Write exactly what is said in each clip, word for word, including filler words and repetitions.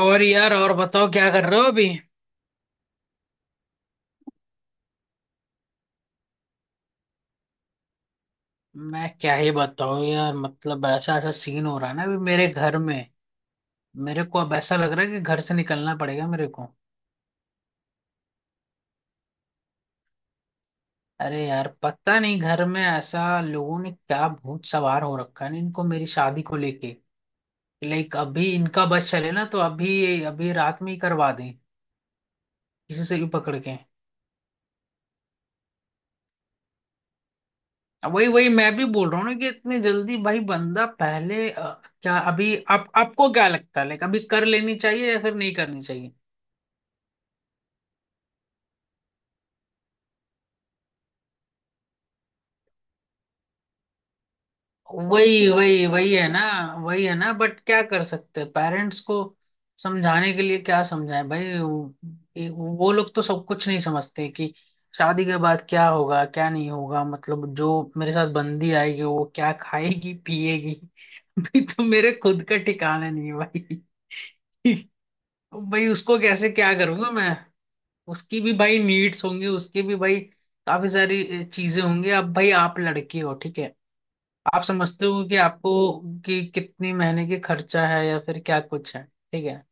और यार और बताओ क्या कर रहे हो अभी। मैं क्या ही बताऊं यार, मतलब ऐसा ऐसा सीन हो रहा है ना अभी मेरे घर में। मेरे को अब ऐसा लग रहा है कि घर से निकलना पड़ेगा मेरे को। अरे यार, पता नहीं घर में ऐसा लोगों ने क्या भूत सवार हो रखा है ना इनको मेरी शादी को लेके। लाइक अभी इनका बस चले ना तो अभी अभी रात में ही करवा दें किसी से भी पकड़ के। अब वही वही मैं भी बोल रहा हूँ ना कि इतनी जल्दी भाई, बंदा पहले अ, क्या अभी, आप आपको क्या लगता है लाइक अभी कर लेनी चाहिए या फिर नहीं करनी। वही वही वही है ना। वही है ना, बट क्या कर सकते हैं पेरेंट्स को समझाने के लिए, क्या समझाएं भाई वो। ये- वो लोग तो सब कुछ नहीं समझते कि शादी के बाद क्या होगा क्या नहीं होगा, मतलब जो मेरे साथ बंदी आएगी वो क्या खाएगी पिएगी अभी तो मेरे खुद का ठिकाना नहीं है भाई भाई उसको कैसे क्या करूंगा मैं। उसकी भी भाई नीड्स होंगी, उसकी भी भाई काफी सारी ए, चीजें होंगी। अब भाई आप लड़के हो, ठीक है, आप समझते हो कि आपको कि कितनी महीने की खर्चा है या फिर क्या कुछ है, ठीक है।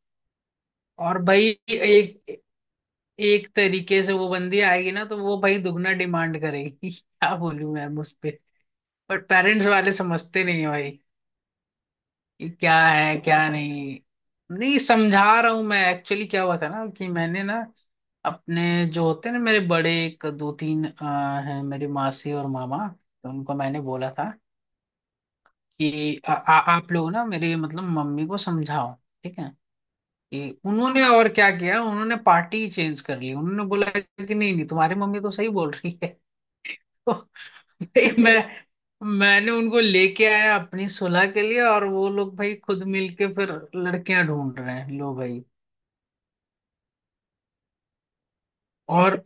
और भाई एक एक तरीके से वो बंदी आएगी ना तो वो भाई दुगना डिमांड करेगी क्या बोलूं मैं उस पे। बट पेरेंट्स वाले समझते नहीं है भाई कि क्या है क्या नहीं। नहीं, समझा रहा हूँ मैं, एक्चुअली क्या हुआ था ना कि मैंने ना अपने जो होते हैं ना मेरे बड़े एक दो तीन अ, हैं, मेरी मासी और मामा। तो उनको मैंने बोला था कि आ, आ, आप लोग ना मेरे मतलब मम्मी को समझाओ, ठीक है। कि उन्होंने और क्या किया, उन्होंने पार्टी चेंज कर ली। उन्होंने बोला कि नहीं नहीं तुम्हारी मम्मी तो सही बोल रही है तो भाई मैं मैंने उनको लेके आया अपनी सुलह के लिए और वो लोग भाई खुद मिलके फिर लड़कियां ढूंढ रहे हैं, लो भाई। और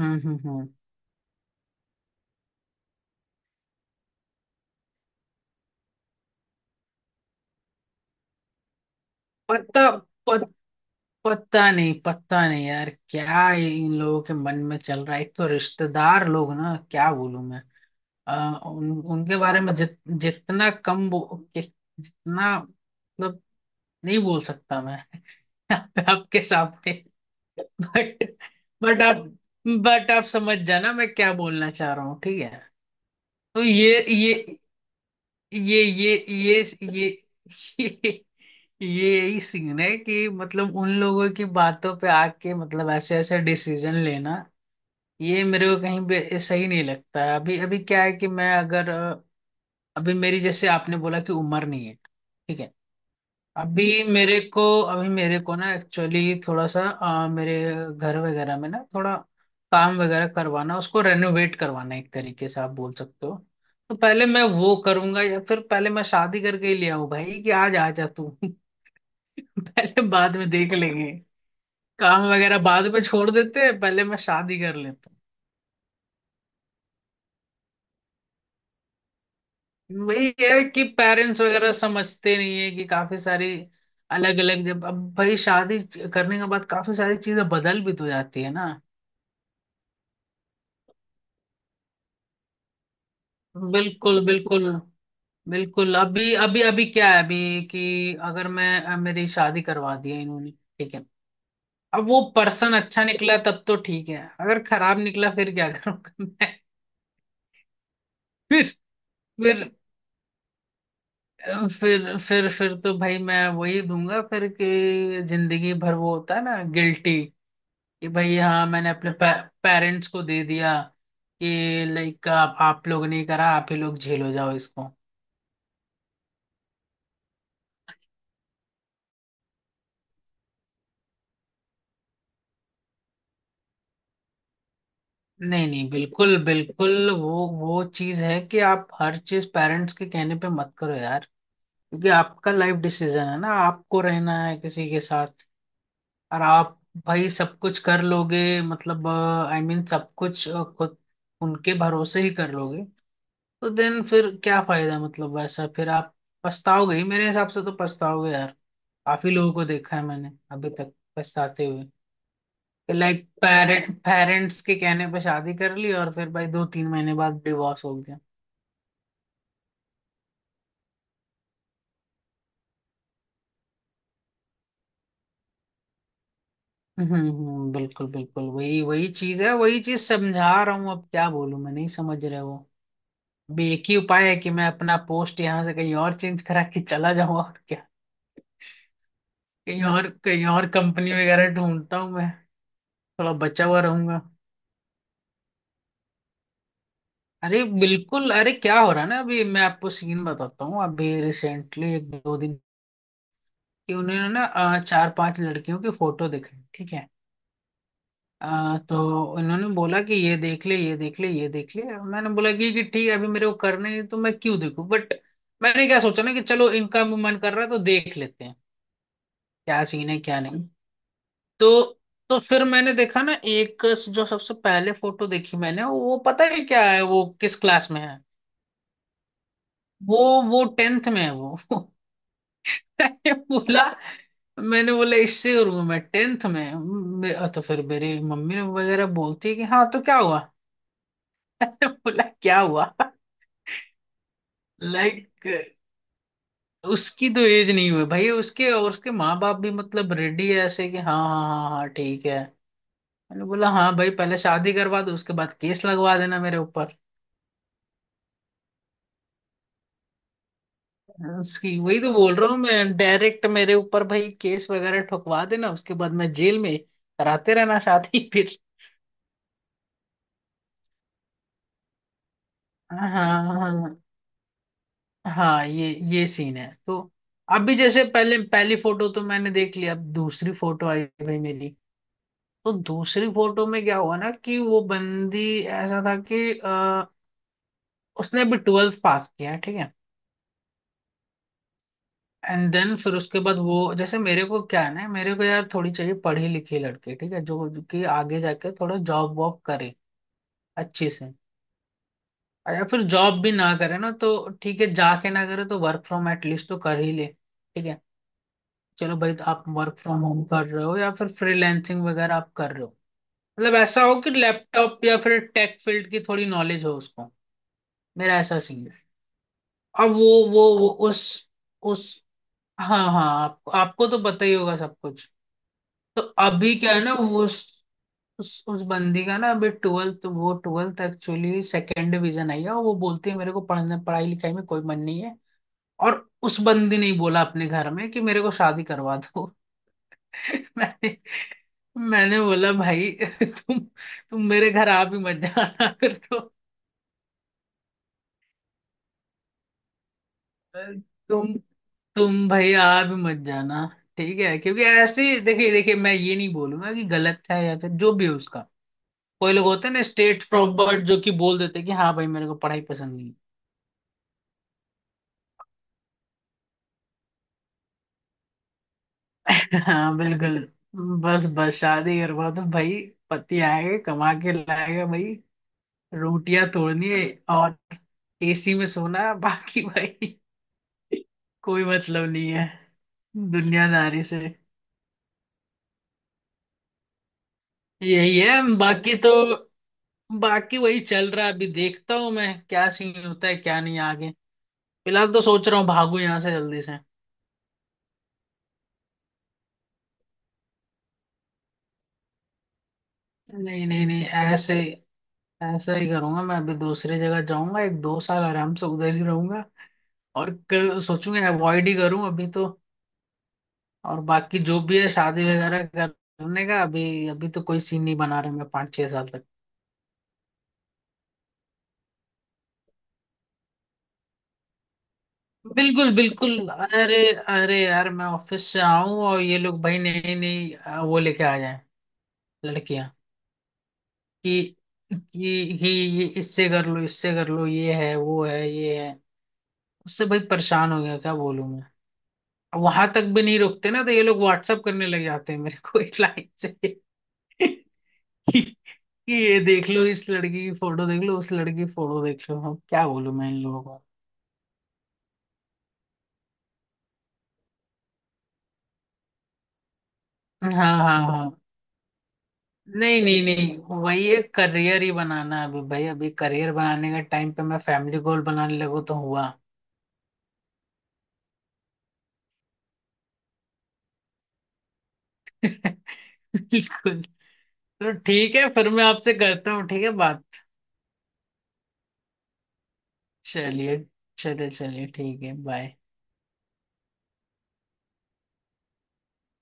हम्म हम्म हम्म पता पत, पता नहीं पता नहीं यार क्या इन लोगों के मन में चल रहा है। एक तो रिश्तेदार लोग ना, क्या बोलूं मैं अ, उन, उनके बारे में, जित, जितना कम बो, कि, जितना मतलब नहीं बोल सकता मैं आपके सामने। बट बट आप बट आप समझ जाना मैं क्या बोलना चाह रहा हूँ, ठीक है। तो ये ये ये ये ये ये ये ये यही सीन है कि मतलब उन लोगों की बातों पे आके मतलब ऐसे ऐसे डिसीजन लेना, ये मेरे को कहीं भी सही नहीं लगता है। अभी अभी क्या है कि मैं अगर अभी, मेरी जैसे आपने बोला कि उम्र नहीं है, ठीक है, अभी मेरे को, अभी मेरे को ना एक्चुअली थोड़ा सा अ, मेरे घर वगैरह में ना थोड़ा काम वगैरह करवाना, उसको रेनोवेट करवाना एक तरीके से आप बोल सकते हो। तो पहले मैं वो करूंगा या फिर पहले मैं शादी करके ही ले आऊं भाई कि आज आ जा तू पहले बाद में देख लेंगे, काम वगैरह बाद में छोड़ देते हैं पहले मैं शादी कर लेता हूं। वही है कि पेरेंट्स वगैरह समझते नहीं है कि काफी सारी अलग अलग, जब अब भाई शादी करने के बाद काफी सारी चीजें बदल भी तो जाती है ना। बिल्कुल बिल्कुल बिल्कुल, अभी अभी अभी क्या है अभी कि अगर मैं अ, मेरी शादी करवा दी है इन्होंने, ठीक है, अब वो पर्सन अच्छा निकला तब तो ठीक है, अगर खराब निकला फिर क्या करूंगा? मैं फिर फिर अ, फिर फिर फिर तो भाई मैं वही दूंगा फिर कि जिंदगी भर वो होता है ना, गिल्टी कि भाई हाँ मैंने अपने पेरेंट्स को दे दिया कि लाइक, आप आप लोग नहीं करा, आप ही लोग झेलो जाओ इसको। नहीं नहीं, बिल्कुल बिल्कुल, वो वो चीज है कि आप हर चीज पेरेंट्स के कहने पे मत करो यार, क्योंकि आपका लाइफ डिसीजन है ना, आपको रहना है किसी के साथ। और आप भाई सब कुछ कर लोगे, मतलब आई मीन सब कुछ अ, खुद उनके भरोसे ही कर लोगे, तो देन फिर क्या फायदा? मतलब वैसा फिर आप पछताओगे ही, मेरे हिसाब से तो पछताओगे यार। काफी लोगों को देखा है मैंने अभी तक पछताते हुए, लाइक पेरेंट पेरेंट्स के कहने पर शादी कर ली और फिर भाई दो तीन महीने बाद डिवोर्स हो गया। हम्म हम्म, बिल्कुल बिल्कुल, वही वही चीज है, वही चीज समझा रहा हूँ। अब क्या बोलूं मैं, नहीं समझ रहे वो। अभी एक ही उपाय है कि मैं अपना पोस्ट यहाँ से कहीं और चेंज करा के चला जाऊँ, और क्या। कहीं और कहीं और कंपनी वगैरह ढूंढता हूँ मैं, थोड़ा बचा हुआ रहूंगा। अरे बिल्कुल, अरे क्या हो रहा है ना अभी, मैं आपको सीन बताता हूँ। अभी रिसेंटली एक दो दिन कि उन्होंने ना अ, चार पांच लड़कियों के फोटो दिखे, ठीक है। अ, तो उन्होंने बोला कि ये देख ले ये देख ले ये देख ले। मैंने बोला कि कि ठीक है, अभी मेरे को करने हैं तो मैं क्यों देखूं, बट मैंने क्या सोचा ना कि चलो इनका भी मन कर रहा है तो देख लेते हैं, क्या सीन है क्या नहीं। तो तो फिर मैंने देखा ना एक जो सबसे पहले फोटो देखी मैंने, वो पता है क्या है वो किस क्लास में है? वो वो टेंथ में है वो मैंने बोला मैंने बोला इससे? और मैं टेंथ में! मैं- तो फिर मेरी मम्मी वगैरह बोलती है कि हाँ तो क्या हुआ मैंने बोला क्या हुआ? लाइक उसकी तो एज नहीं हुई भाई, उसके और उसके माँ बाप भी मतलब रेडी है ऐसे कि हाँ हाँ हाँ हाँ ठीक है। मैंने बोला हाँ भाई पहले शादी करवा दो उसके बाद केस लगवा देना मेरे ऊपर उसकी। वही तो बोल रहा हूँ मैं, डायरेक्ट मेरे ऊपर भाई केस वगैरह ठुकवा देना उसके बाद मैं जेल में कराते रहना शादी फिर। हाँ हाँ हाँ। हाँ ये ये सीन है तो। अभी जैसे पहले पहली फोटो तो मैंने देख ली, अब दूसरी फोटो आई भाई मेरी। तो दूसरी फोटो में क्या हुआ ना कि वो बंदी ऐसा था कि आ, उसने अभी ट्वेल्थ पास किया है, ठीक है। एंड देन फिर उसके बाद वो, जैसे मेरे को क्या है ना, मेरे को यार थोड़ी चाहिए पढ़ी लिखी लड़की, ठीक है, जो जो कि आगे जाके थोड़ा जॉब वॉब करे अच्छे से, या फिर जॉब भी ना करे ना तो ठीक है, जाके ना करे तो वर्क फ्रॉम एटलीस्ट तो कर ही ले, ठीक है। चलो भाई तो आप वर्क फ्रॉम होम कर रहे हो या फिर फ्रीलैंसिंग वगैरह आप कर रहे हो, मतलब ऐसा हो कि लैपटॉप या फिर टेक फील्ड की थोड़ी नॉलेज हो उसको, मेरा ऐसा सीन है। अब वो वो वो उस उस हाँ हाँ, आपको आपको तो पता ही होगा सब कुछ। तो अभी क्या है ना वो उस उस, उस बंदी का ना अभी, ट्वेल्थ वो ट्वेल्थ एक्चुअली सेकेंड डिवीजन आई है और वो बोलती है मेरे को पढ़ने पढ़ाई लिखाई में कोई मन नहीं है। और उस बंदी ने ही बोला अपने घर में कि मेरे को शादी करवा दो मैंने मैंने बोला भाई, तुम तुम मेरे घर आ भी मत जाना फिर तो। तुम तुम भाई आ भी मत जाना, ठीक है, क्योंकि ऐसे देखिए देखिए, मैं ये नहीं बोलूंगा कि गलत है या फिर जो भी है उसका। कोई लोग होते हैं ना स्टेट प्रॉपर्ट जो कि बोल देते हैं कि हाँ भाई मेरे को पढ़ाई पसंद नहीं है। हाँ बिल्कुल। बस बस शादी करवा तो भाई, पति आएगा कमा के लाएगा भाई, रोटियां तोड़नी है और एसी में सोना है, बाकी भाई कोई मतलब नहीं है दुनियादारी से। यही है। बाकी तो बाकी वही चल रहा है, अभी देखता हूँ मैं क्या सीन होता है क्या नहीं आगे। फिलहाल तो सोच रहा हूँ भागू यहाँ से जल्दी से। नहीं नहीं नहीं, ऐसे ऐसा ही करूंगा मैं। अभी दूसरी जगह जाऊंगा, एक दो साल आराम से उधर ही रहूंगा और क- सोचूंगा अवॉइड ही करूं अभी तो, और बाकी जो भी है शादी वगैरह करने का। अभी अभी तो कोई सीन नहीं बना रहे मैं पाँच छह साल तक। बिल्कुल बिल्कुल, अरे अरे यार, मैं ऑफिस से आऊं और ये लोग भाई नई नई अ, वो लेके आ जाएं, लड़कियां, कि कि कि ये इससे कर लो इससे कर लो, ये है वो है ये है। उससे भाई परेशान हो गया, क्या बोलूं मैं। अब वहां तक भी नहीं रुकते ना, तो ये लोग व्हाट्सअप करने लग जाते हैं मेरे को एक लाइन से कि कि ये देख लो इस लड़की की फोटो देख लो उस लड़की की फोटो देख लो। अब क्या बोलूं मैं इन लोगों को। हाँ हाँ हाँ, नहीं नहीं नहीं, वही एक करियर ही बनाना है अभी भाई। अभी करियर बनाने के टाइम पे मैं फैमिली गोल बनाने लगू तो हुआ बिल्कुल। तो ठीक है फिर मैं आपसे करता हूँ ठीक है बात। चलिए चलिए चलिए ठीक है, बाय।